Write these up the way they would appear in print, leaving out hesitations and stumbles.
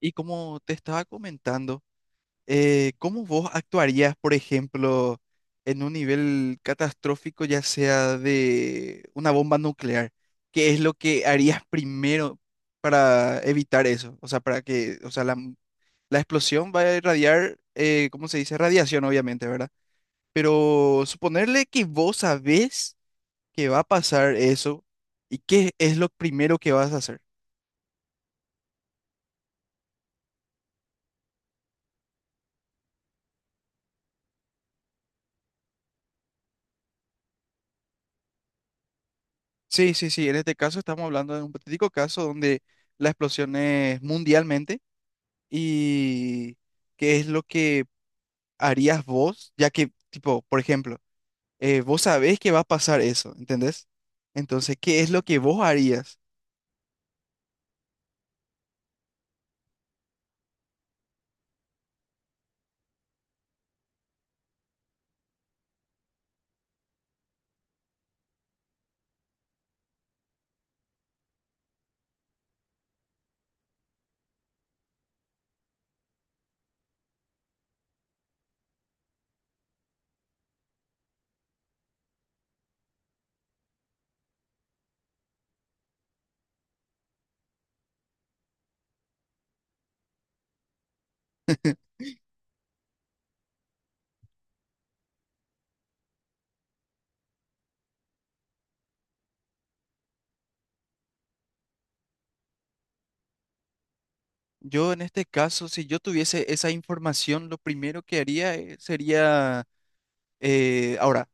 Y como te estaba comentando, ¿cómo vos actuarías, por ejemplo, en un nivel catastrófico, ya sea de una bomba nuclear? ¿Qué es lo que harías primero para evitar eso? O sea, para que, o sea, la explosión va a irradiar, ¿cómo se dice? Radiación, obviamente, ¿verdad? Pero suponerle que vos sabés que va a pasar eso, ¿y qué es lo primero que vas a hacer? Sí, sí, sí. En este caso estamos hablando de un patético caso donde la explosión es mundialmente y qué es lo que harías vos, ya que, tipo, por ejemplo, vos sabés que va a pasar eso, ¿entendés? Entonces, ¿qué es lo que vos harías? Yo en este caso, si yo tuviese esa información, lo primero que haría sería, ahora,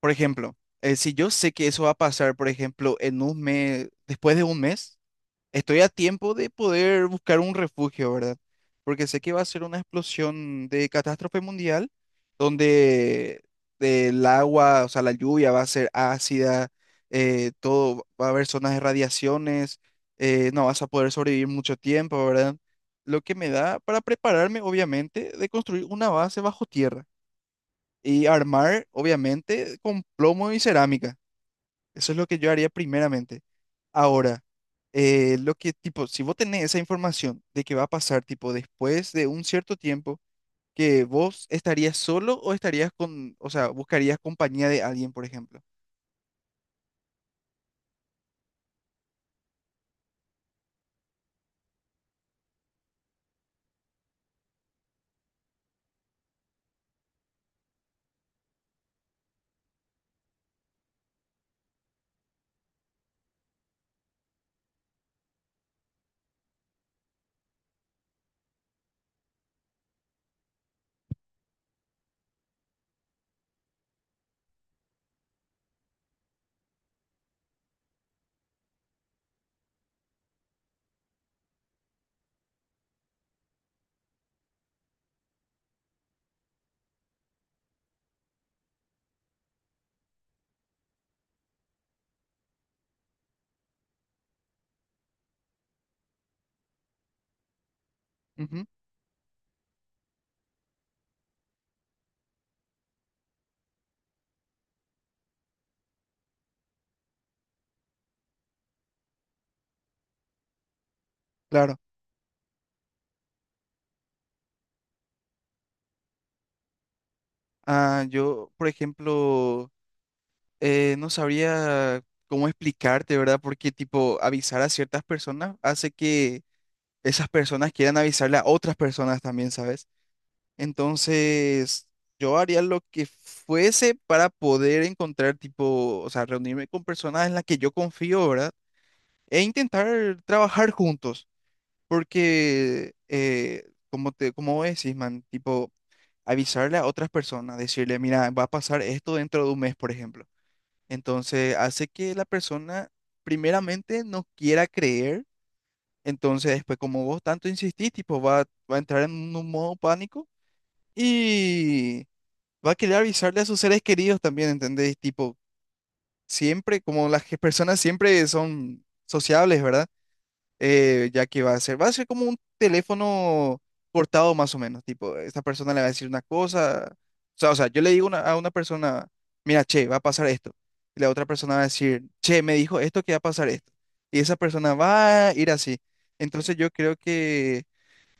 por ejemplo, si yo sé que eso va a pasar, por ejemplo, en un mes, después de un mes. Estoy a tiempo de poder buscar un refugio, ¿verdad? Porque sé que va a ser una explosión de catástrofe mundial donde el agua, o sea, la lluvia va a ser ácida, todo, va a haber zonas de radiaciones, no vas a poder sobrevivir mucho tiempo, ¿verdad? Lo que me da para prepararme, obviamente, de construir una base bajo tierra y armar, obviamente, con plomo y cerámica. Eso es lo que yo haría primeramente. Ahora, lo que, tipo, si vos tenés esa información de que va a pasar, tipo, después de un cierto tiempo, que vos estarías solo o estarías o sea, buscarías compañía de alguien, por ejemplo. Ujú, claro. Ah, yo, por ejemplo, no sabría cómo explicarte, ¿verdad? Porque, tipo, avisar a ciertas personas hace que esas personas quieran avisarle a otras personas también, ¿sabes? Entonces, yo haría lo que fuese para poder encontrar, tipo, o sea, reunirme con personas en las que yo confío, ¿verdad? E intentar trabajar juntos, porque, como te, como vos decís, man, tipo, avisarle a otras personas, decirle, mira, va a pasar esto dentro de un mes, por ejemplo. Entonces, hace que la persona, primeramente, no quiera creer. Entonces, después, como vos tanto insistís, tipo, va a entrar en un modo pánico. Y va a querer avisarle a sus seres queridos también, ¿entendés? Tipo, siempre, como personas siempre son sociables, ¿verdad? Ya que va a ser como un teléfono cortado más o menos, tipo, esta persona le va a decir una cosa, o sea, yo le digo a una persona, mira, che, va a pasar esto, y la otra persona va a decir, che, me dijo esto que va a pasar esto, y esa persona va a ir así. Entonces yo creo que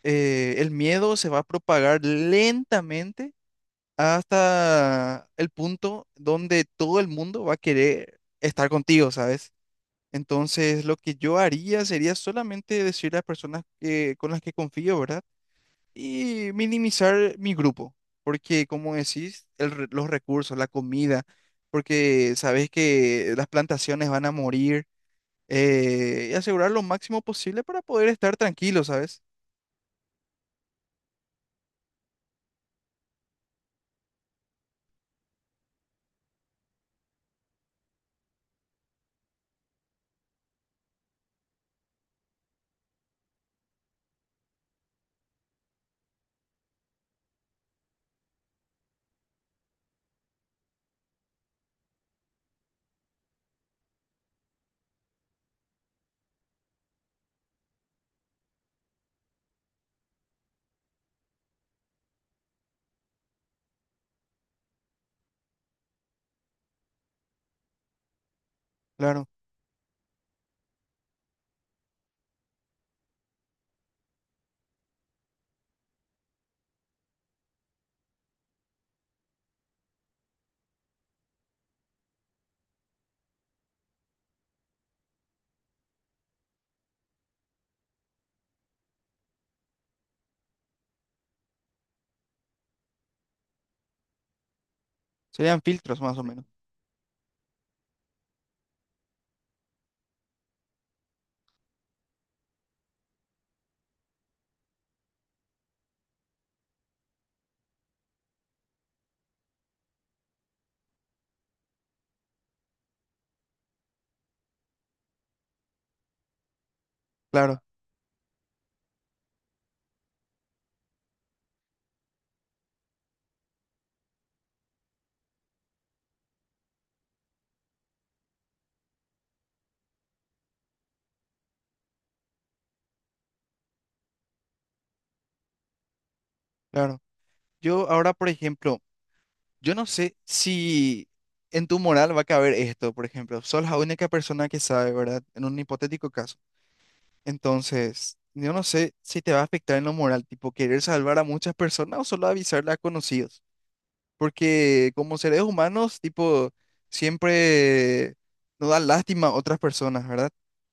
el miedo se va a propagar lentamente hasta el punto donde todo el mundo va a querer estar contigo, ¿sabes? Entonces, lo que yo haría sería solamente decir a las personas que, con las que confío, ¿verdad? Y minimizar mi grupo, porque como decís, los recursos, la comida, porque sabes que las plantaciones van a morir, y asegurar lo máximo posible para poder estar tranquilo, ¿sabes? Claro, serían filtros más o menos. Claro, claro. Yo ahora, por ejemplo, yo no sé si en tu moral va a caber esto, por ejemplo, sos la única persona que sabe, ¿verdad? En un hipotético caso. Entonces, yo no sé si te va a afectar en lo moral, tipo querer salvar a muchas personas o solo avisarle a conocidos. Porque como seres humanos, tipo, siempre nos da lástima a otras personas, ¿verdad?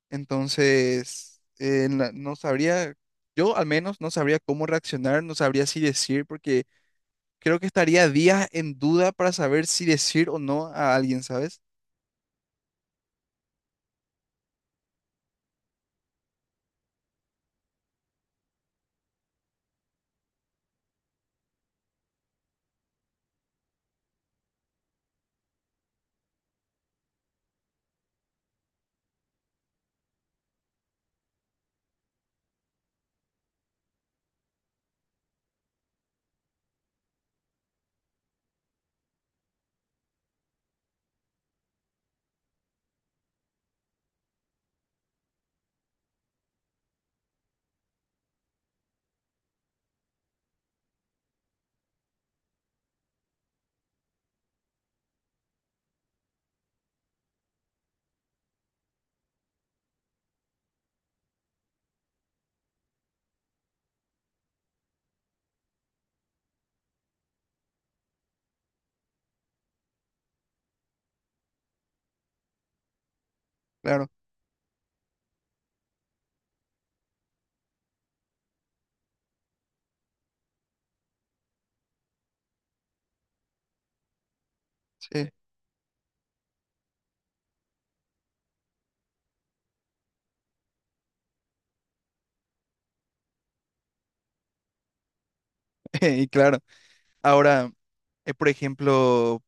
Entonces, no sabría, yo al menos no sabría cómo reaccionar, no sabría si decir, porque creo que estaría días en duda para saber si decir o no a alguien, ¿sabes? Claro, sí, y claro. Ahora, por ejemplo,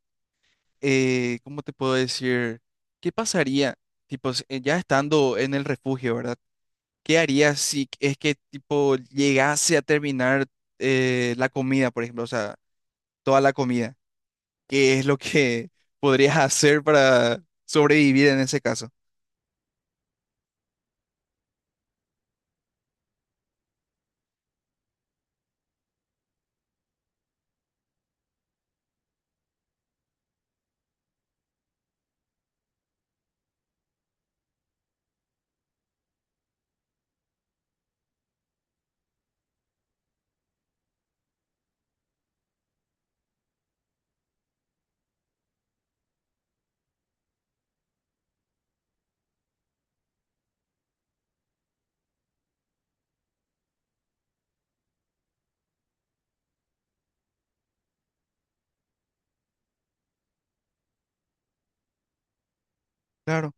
¿cómo te puedo decir? ¿Qué pasaría, tipo, ya estando en el refugio, ¿verdad? ¿Qué harías si es que, tipo, llegase a terminar la comida, por ejemplo? O sea, toda la comida. ¿Qué es lo que podrías hacer para sobrevivir en ese caso? Claro.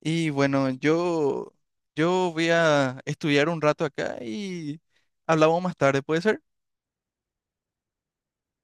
Y bueno, yo voy a estudiar un rato acá y hablamos más tarde, ¿puede ser?